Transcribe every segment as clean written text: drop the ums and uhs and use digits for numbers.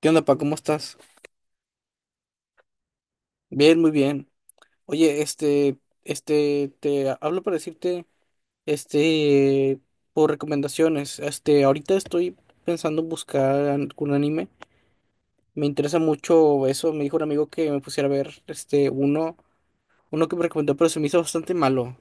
¿Qué onda, pa? ¿Cómo estás? Bien, muy bien. Oye, te hablo para decirte, este, por recomendaciones. Ahorita estoy pensando en buscar algún anime. Me interesa mucho eso. Me dijo un amigo que me pusiera a ver, uno que me recomendó, pero se me hizo bastante malo.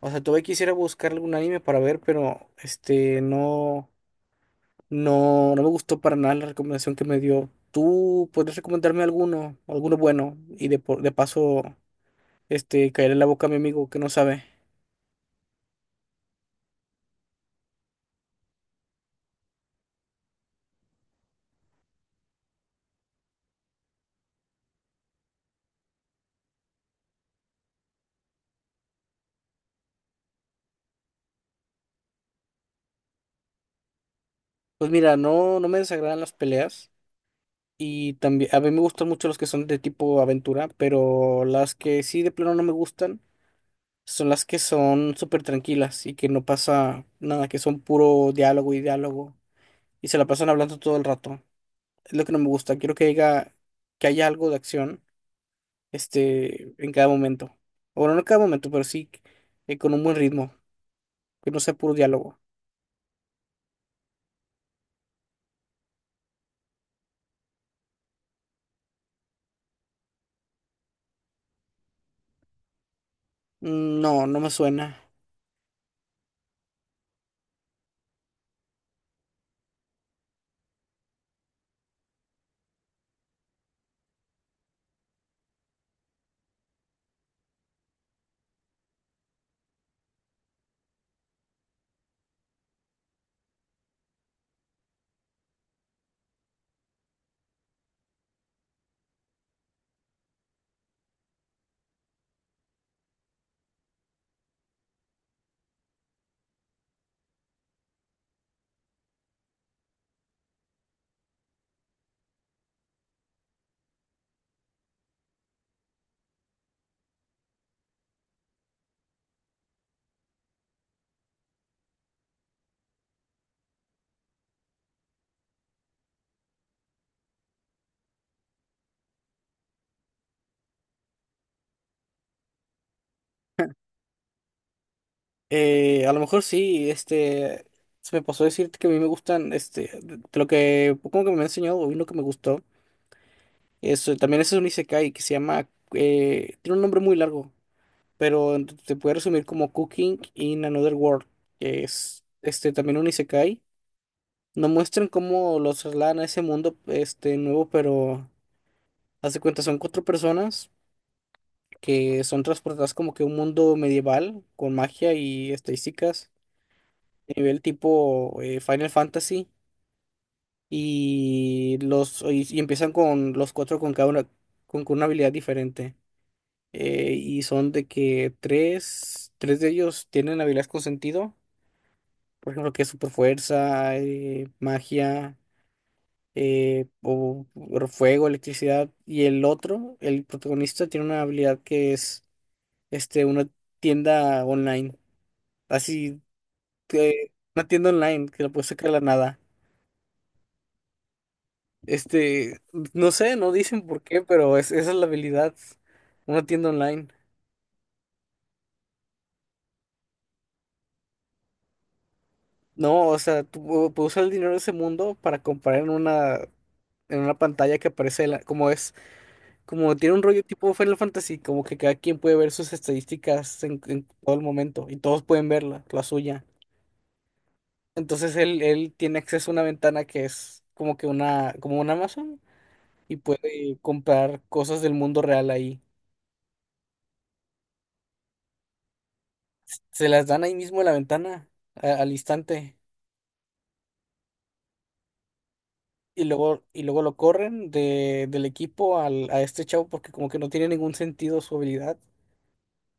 O sea, todavía quisiera buscar algún anime para ver, pero, no, no, no me gustó para nada la recomendación que me dio. ¿Tú podrías recomendarme alguno, alguno bueno? Y de paso... caer en la boca a mi amigo que no sabe. Pues mira, no, no me desagradan las peleas y también a mí me gustan mucho los que son de tipo aventura, pero las que sí de plano no me gustan son las que son súper tranquilas y que no pasa nada, que son puro diálogo y diálogo y se la pasan hablando todo el rato. Es lo que no me gusta. Quiero que haya algo de acción, en cada momento. O bueno, no en cada momento, pero sí con un buen ritmo, que no sea puro diálogo. Mm, no, no me suena. A lo mejor sí, se me pasó decirte que a mí me gustan, de lo que, como que me ha enseñado, hoy lo que me gustó, es, también ese es un isekai que se llama, tiene un nombre muy largo, pero se puede resumir como Cooking in Another World, que es, también un isekai, nos muestran cómo los trasladan a ese mundo, nuevo, pero, haz de cuenta, son cuatro personas que son transportadas como que a un mundo medieval, con magia y estadísticas, nivel tipo Final Fantasy y empiezan con los cuatro con cada una con una habilidad diferente. Y son de que tres de ellos tienen habilidades con sentido, por ejemplo, que es super fuerza, magia, o fuego, electricidad, y el otro, el protagonista, tiene una habilidad que es una tienda online, así, que una tienda online que la puede sacar de la nada. Este, no sé, no dicen por qué, pero es, esa es la habilidad, una tienda online. No, o sea, tú puedes usar el dinero de ese mundo para comprar en una, pantalla que aparece, como es, como tiene un rollo tipo Final Fantasy, como que cada quien puede ver sus estadísticas en todo el momento y todos pueden verla, la suya. Entonces él tiene acceso a una ventana que es como que una, como un Amazon, y puede comprar cosas del mundo real ahí. Se las dan ahí mismo en la ventana, al instante. Y luego lo corren del equipo a este chavo, porque como que no tiene ningún sentido su habilidad.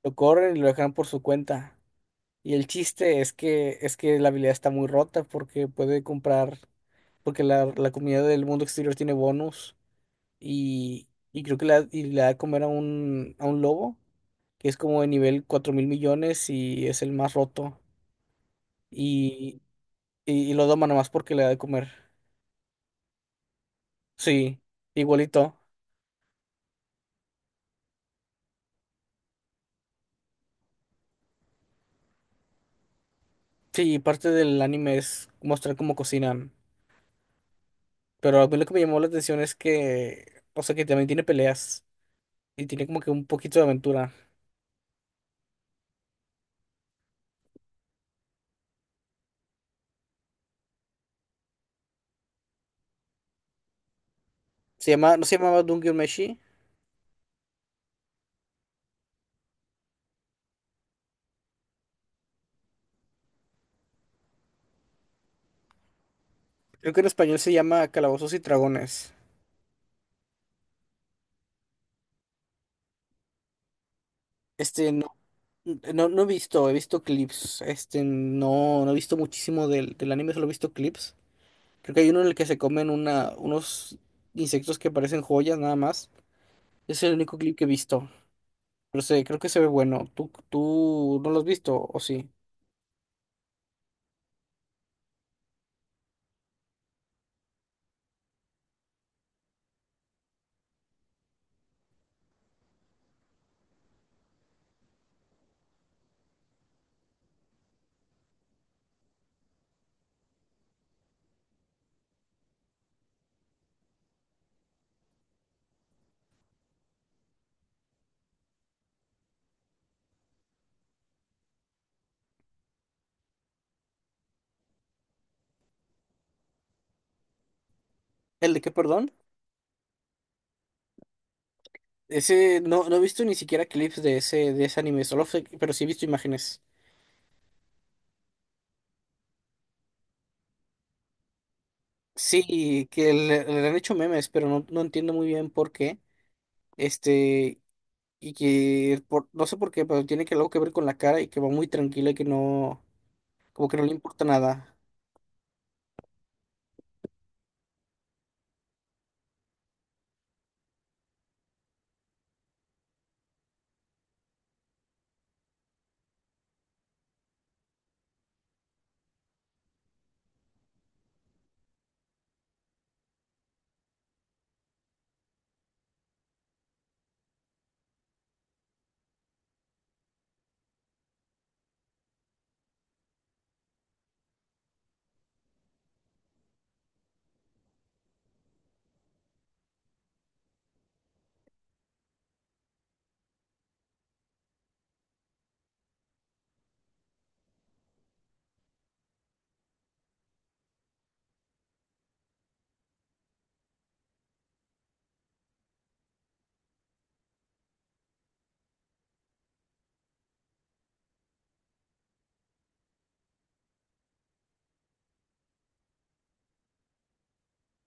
Lo corren y lo dejan por su cuenta. Y el chiste es que, la habilidad está muy rota porque puede comprar, porque la comunidad del mundo exterior tiene bonus y creo que la, y le da de comer a un lobo que es como de nivel 4.000 millones y es el más roto. Y, y lo doma nomás porque le da de comer. Sí, igualito. Sí, y parte del anime es mostrar cómo cocinan. Pero a mí lo que me llamó la atención es que, o sea, que también tiene peleas y tiene como que un poquito de aventura. Se llama, ¿no se llamaba Dungeon Meshi? Creo que en español se llama Calabozos y Dragones. No, no, no he visto, he visto clips. No, no he visto muchísimo del anime, solo he visto clips. Creo que hay uno en el que se comen unos insectos que parecen joyas, nada más. Ese es el único clip que he visto. Pero sé, creo que se ve bueno. tú no lo has visto, o sí? ¿El de qué, perdón? Ese, no, no he visto ni siquiera clips de ese anime, solo pero sí he visto imágenes. Sí, que le han hecho memes, pero no, no entiendo muy bien por qué. Este, y que no sé por qué, pero tiene que algo que ver con la cara, y que va muy tranquila y que no, como que no le importa nada.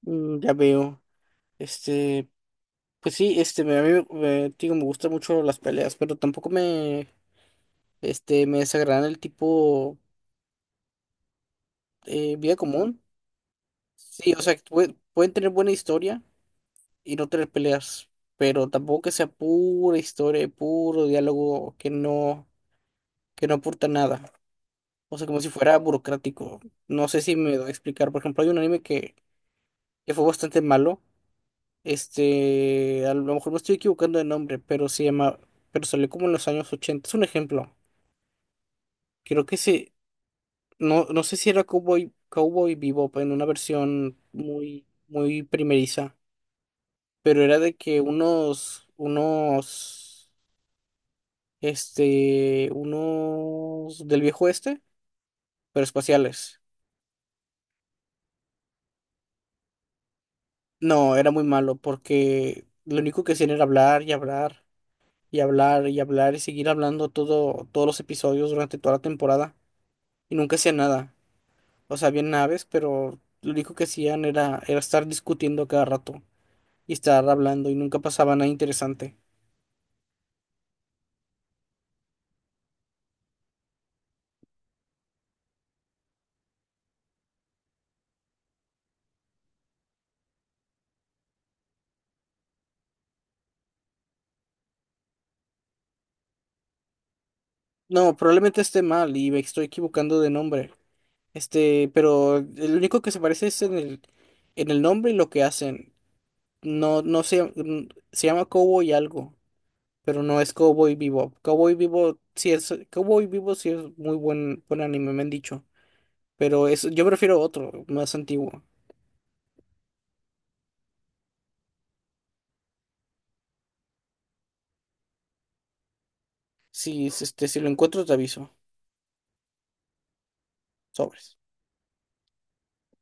Mm, ya veo. Este, pues sí, a mí me, digo, me gustan mucho las peleas, pero tampoco me desagradan el tipo vida común. Sí, o sea, que pueden tener buena historia y no tener peleas, pero tampoco que sea pura historia, y puro diálogo que no aporta nada. O sea, como si fuera burocrático. No sé si me doy a explicar. Por ejemplo, hay un anime que fue bastante malo. A lo mejor me estoy equivocando de nombre, pero se llama, pero salió como en los años ochenta. Es un ejemplo. Creo que no, no sé si era Cowboy Bebop, en una versión muy, muy primeriza, pero era de que unos unos del viejo, pero espaciales. No, era muy malo porque lo único que hacían era hablar y hablar y hablar y hablar, y seguir hablando todos los episodios durante toda la temporada, y nunca hacían nada. O sea, había naves, pero lo único que hacían era estar discutiendo cada rato y estar hablando, y nunca pasaba nada interesante. No, probablemente esté mal y me estoy equivocando de nombre. Pero el único que se parece es en el nombre y lo que hacen. No, no se llama Cowboy algo, pero no es Cowboy Bebop. Cowboy Bebop sí es muy buen anime, me han dicho. Pero es, yo prefiero otro, más antiguo. Si, si, si lo encuentro, te aviso. Sobres.